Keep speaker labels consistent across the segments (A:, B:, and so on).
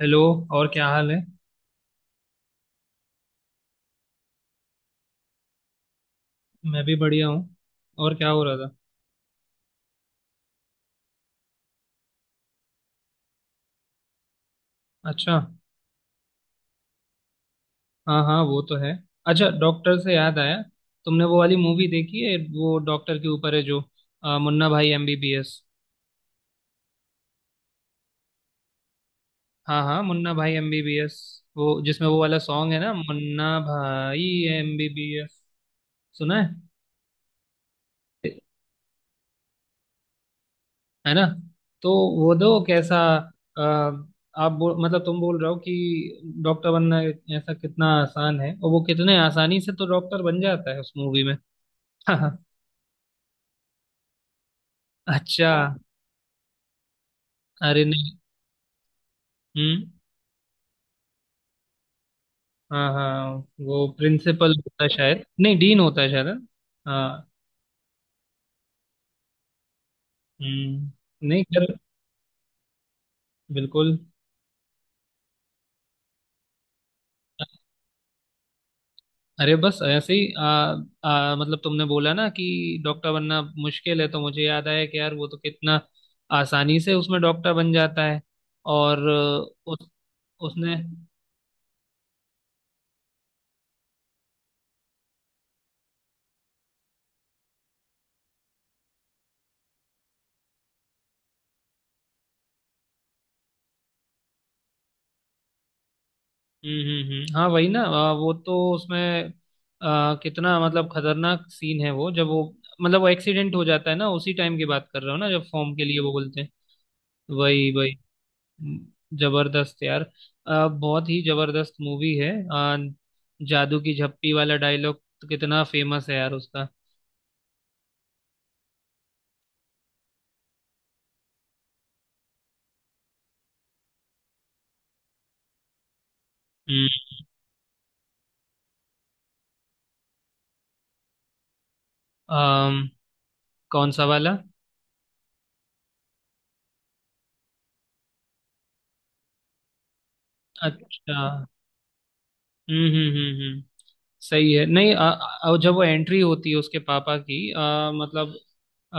A: Hello. और क्या हाल है। मैं भी बढ़िया हूँ। और क्या हो रहा था। अच्छा। हाँ हाँ वो तो है। अच्छा, डॉक्टर से याद आया। तुमने वो वाली मूवी देखी है वो डॉक्टर के ऊपर है, जो मुन्ना भाई एमबीबीएस। हाँ हाँ मुन्ना भाई एमबीबीएस। वो जिसमें वो वाला सॉन्ग है ना, मुन्ना भाई एमबीबीएस सुना है। है ना। तो वो दो कैसा। अ, आप मतलब तुम बोल रहे हो कि डॉक्टर बनना ऐसा कितना आसान है, और वो कितने आसानी से तो डॉक्टर बन जाता है उस मूवी में। अच्छा हाँ। अरे नहीं। हम्म। हाँ हाँ वो प्रिंसिपल होता है शायद, नहीं डीन होता है शायद, है? हाँ। हम्म। नहीं कर। बिल्कुल। अरे बस ऐसे ही आ, आ, मतलब तुमने बोला ना कि डॉक्टर बनना मुश्किल है, तो मुझे याद आया कि यार वो तो कितना आसानी से उसमें डॉक्टर बन जाता है। और उस उसने। हम्म। हाँ, वही ना। वो तो उसमें कितना, मतलब खतरनाक सीन है वो, जब वो, मतलब वो एक्सीडेंट हो जाता है ना, उसी टाइम की बात कर रहा हूँ ना, जब फॉर्म के लिए वो बोलते हैं। वही वही, जबरदस्त यार। बहुत ही जबरदस्त मूवी है। जादू की झप्पी वाला डायलॉग तो कितना फेमस है यार उसका। हम्म। अम, कौन सा वाला। अच्छा। हम्म। सही है। नहीं जब वो एंट्री होती है उसके पापा की, मतलब, अ,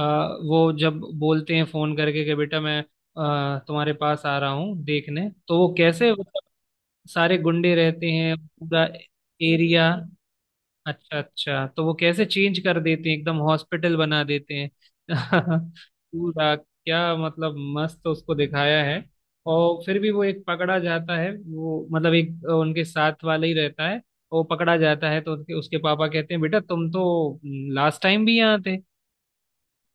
A: वो जब बोलते हैं फोन करके कि बेटा मैं, तुम्हारे पास आ रहा हूँ देखने, तो वो कैसे, मतलब सारे गुंडे रहते हैं पूरा एरिया। अच्छा अच्छा, तो वो कैसे चेंज कर देते हैं, एकदम हॉस्पिटल बना देते हैं। पूरा क्या, मतलब मस्त उसको दिखाया है। और फिर भी वो एक पकड़ा जाता है, वो मतलब एक उनके साथ वाला ही रहता है। वो पकड़ा जाता है तो उसके उसके पापा कहते हैं बेटा तुम तो लास्ट टाइम भी यहाँ थे,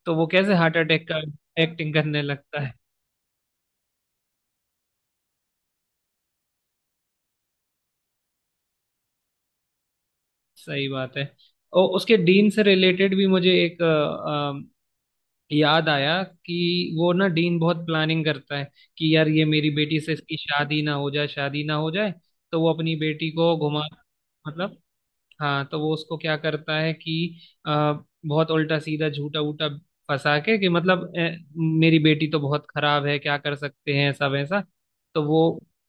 A: तो वो कैसे हार्ट अटैक का एक्टिंग करने लगता है। सही बात है। और उसके डीन से रिलेटेड भी मुझे एक याद आया कि वो ना, डीन बहुत प्लानिंग करता है कि यार ये मेरी बेटी से इसकी शादी ना हो जाए, शादी ना हो जाए। तो वो अपनी बेटी को घुमा, मतलब, हाँ तो वो उसको क्या करता है कि आ, बहुत उल्टा सीधा झूठा वूटा फंसा के, कि मतलब, "ए, मेरी बेटी तो बहुत खराब है, क्या कर सकते हैं, ऐसा वैसा, तो वो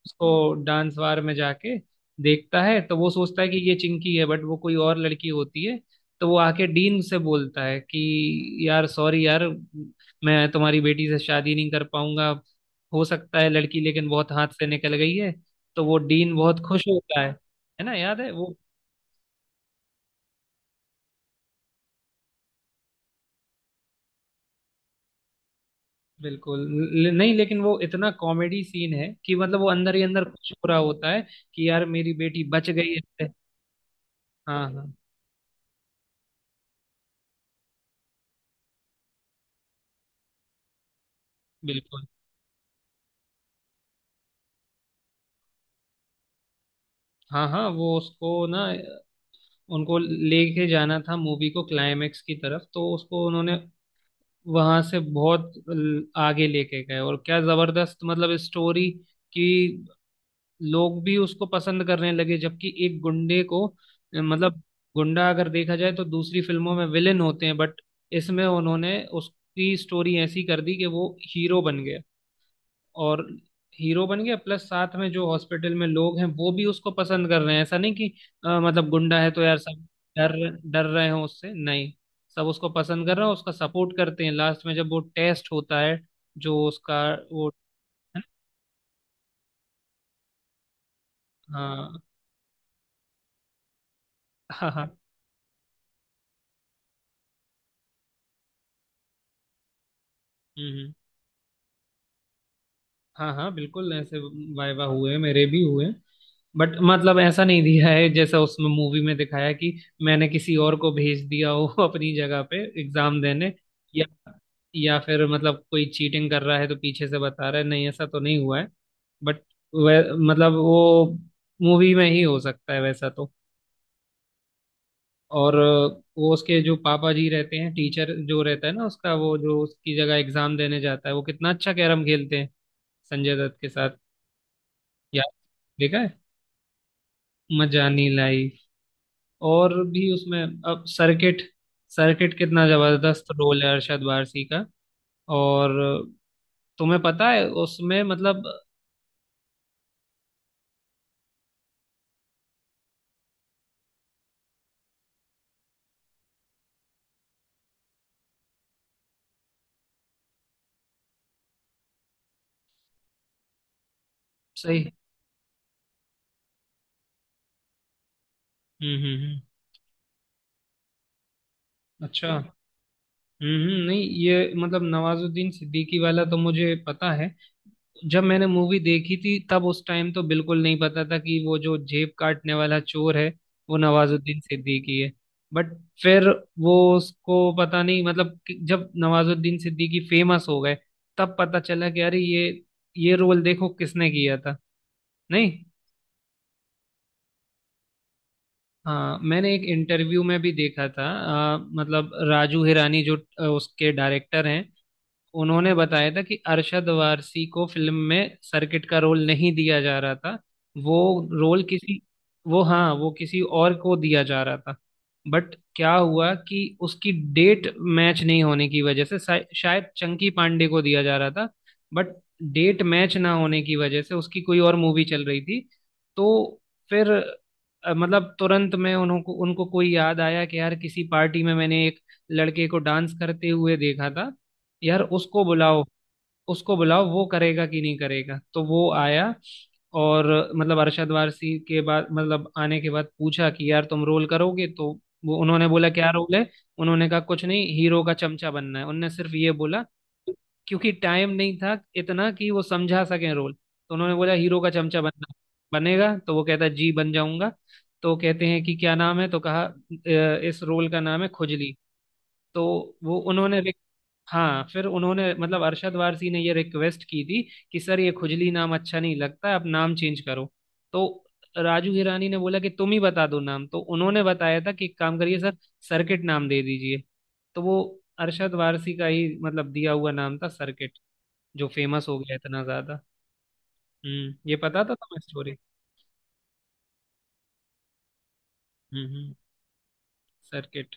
A: उसको डांस बार में जाके देखता है तो वो सोचता है कि ये चिंकी है, बट वो कोई और लड़की होती है। तो वो आके डीन से बोलता है कि यार सॉरी यार, मैं तुम्हारी बेटी से शादी नहीं कर पाऊंगा, हो सकता है लड़की लेकिन बहुत हाथ से निकल गई है। तो वो डीन बहुत खुश होता है। है ना, याद है वो। बिल्कुल। नहीं, लेकिन वो इतना कॉमेडी सीन है कि मतलब वो अंदर ही अंदर खुश हो रहा होता है कि यार मेरी बेटी बच गई इससे। हाँ हाँ बिल्कुल। हाँ हाँ वो उसको ना, उनको लेके जाना था मूवी को क्लाइमेक्स की तरफ, तो उसको उन्होंने वहां से बहुत आगे लेके गए, और क्या जबरदस्त, मतलब स्टोरी की। लोग भी उसको पसंद करने लगे, जबकि एक गुंडे को, मतलब गुंडा अगर देखा जाए तो दूसरी फिल्मों में विलेन होते हैं, बट इसमें उन्होंने उसकी स्टोरी ऐसी कर दी कि वो हीरो बन गया। और हीरो बन गया प्लस साथ में जो हॉस्पिटल में लोग हैं वो भी उसको पसंद कर रहे हैं, ऐसा नहीं कि मतलब गुंडा है तो यार सब डर डर रहे हो उससे, नहीं, सब उसको पसंद कर रहे हैं, उसका सपोर्ट करते हैं लास्ट में जब वो टेस्ट होता है, जो उसका वो। हाँ हाँ हाँ। हम्म। हाँ हाँ बिल्कुल ऐसे वाइवा हुए हैं, मेरे भी हुए हैं। बट मतलब ऐसा नहीं दिया है जैसा उसमें मूवी में दिखाया है, कि मैंने किसी और को भेज दिया हो अपनी जगह पे एग्जाम देने, या फिर मतलब कोई चीटिंग कर रहा है तो पीछे से बता रहा है, नहीं ऐसा तो नहीं हुआ है। बट वह, मतलब वो मूवी में ही हो सकता है वैसा तो। और वो उसके जो पापा जी रहते हैं, टीचर जो रहता है ना उसका, वो जो उसकी जगह एग्जाम देने जाता है, वो कितना अच्छा कैरम खेलते हैं संजय दत्त के साथ यार, देखा है। मजानी लाइफ। और भी उसमें अब सर्किट, सर्किट कितना जबरदस्त रोल है अरशद वारसी का। और तुम्हें पता है उसमें, मतलब सही। हम्म। अच्छा। हम्म, नहीं ये मतलब नवाजुद्दीन सिद्दीकी वाला तो मुझे पता है। जब मैंने मूवी देखी थी तब उस टाइम तो बिल्कुल नहीं पता था कि वो जो जेब काटने वाला चोर है वो नवाजुद्दीन सिद्दीकी है। बट फिर वो उसको पता नहीं, मतलब कि जब नवाजुद्दीन सिद्दीकी फेमस हो गए तब पता चला कि अरे ये रोल देखो किसने किया था। नहीं। हाँ मैंने एक इंटरव्यू में भी देखा था। मतलब राजू हिरानी जो उसके डायरेक्टर हैं, उन्होंने बताया था कि अरशद वारसी को फिल्म में सर्किट का रोल नहीं दिया जा रहा था। वो रोल किसी, वो हाँ, वो किसी और को दिया जा रहा था। बट क्या हुआ कि उसकी डेट मैच नहीं होने की वजह से शायद चंकी पांडे को दिया जा रहा था। बट डेट मैच ना होने की वजह से उसकी कोई और मूवी चल रही थी। तो फिर, मतलब तुरंत में उनको उनको कोई याद आया कि यार किसी पार्टी में मैंने एक लड़के को डांस करते हुए देखा था, यार उसको बुलाओ, उसको बुलाओ वो करेगा कि नहीं करेगा, तो वो आया। और मतलब अरशद वारसी के बाद, मतलब आने के बाद पूछा कि यार तुम रोल करोगे, तो वो उन्होंने बोला क्या रोल है। उन्होंने कहा कुछ नहीं, हीरो का चमचा बनना है, उनने सिर्फ ये बोला क्योंकि टाइम नहीं था इतना कि वो समझा सके रोल। तो उन्होंने बोला हीरो का चमचा बनना है। बनेगा, तो वो कहता है जी बन जाऊंगा। तो कहते हैं कि क्या नाम है तो कहा, "अ, इस रोल का नाम है खुजली। तो वो उन्होंने, हाँ फिर उन्होंने, मतलब अरशद वारसी ने ये रिक्वेस्ट की थी कि सर ये खुजली नाम अच्छा नहीं लगता, आप नाम चेंज करो। तो राजू हिरानी ने बोला कि तुम ही बता दो नाम, तो उन्होंने बताया था कि एक काम करिए सर, सर्किट नाम दे दीजिए। तो वो अरशद वारसी का ही मतलब दिया हुआ नाम था सर्किट, जो फेमस हो गया इतना ज्यादा। हम्म। ये पता था तुम्हें स्टोरी। हम्म। सर्किट।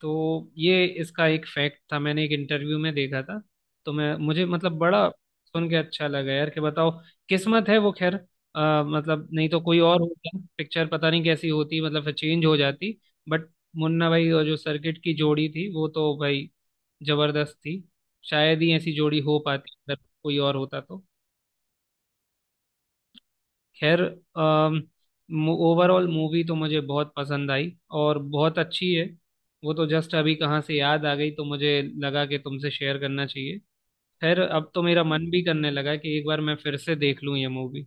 A: तो ये इसका एक फैक्ट था, मैंने एक इंटरव्यू में देखा था, तो मैं, मुझे मतलब बड़ा सुन के अच्छा लगा यार कि बताओ, किस्मत है वो, खैर मतलब नहीं तो कोई और होता पिक्चर, पता नहीं कैसी होती, मतलब फिर चेंज हो जाती। बट मुन्ना भाई और जो सर्किट की जोड़ी थी वो तो भाई जबरदस्त थी, शायद ही ऐसी जोड़ी हो पाती अगर कोई और होता तो। खैर ओवरऑल मूवी तो मुझे बहुत पसंद आई, और बहुत अच्छी है। वो तो जस्ट अभी कहाँ से याद आ गई तो मुझे लगा कि तुमसे शेयर करना चाहिए। खैर अब तो मेरा मन भी करने लगा कि एक बार मैं फिर से देख लूँ ये मूवी।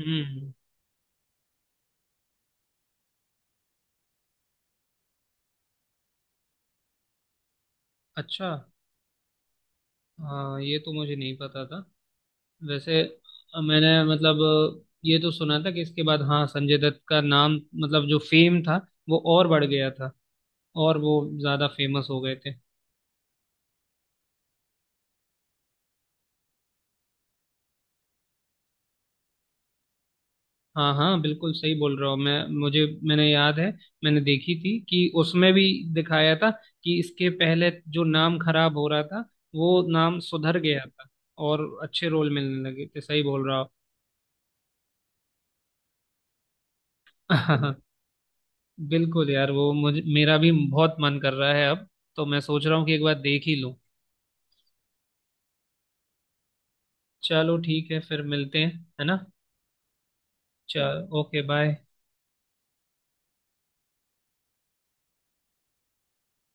A: हम्म। अच्छा हाँ, ये तो मुझे नहीं पता था वैसे। मैंने मतलब ये तो सुना था कि इसके बाद हाँ संजय दत्त का नाम, मतलब जो फेम था वो और बढ़ गया था, और वो ज़्यादा फेमस हो गए थे। हाँ हाँ बिल्कुल सही बोल रहा हूँ मैं, मुझे, मैंने याद है, मैंने देखी थी कि उसमें भी दिखाया था कि इसके पहले जो नाम खराब हो रहा था वो नाम सुधर गया था और अच्छे रोल मिलने लगे थे, सही बोल रहा हूँ। बिल्कुल यार वो मुझे, मेरा भी बहुत मन कर रहा है अब, तो मैं सोच रहा हूँ कि एक बार देख ही लूँ। चलो ठीक है, फिर मिलते हैं। है ना। चलो, ओके, बाय।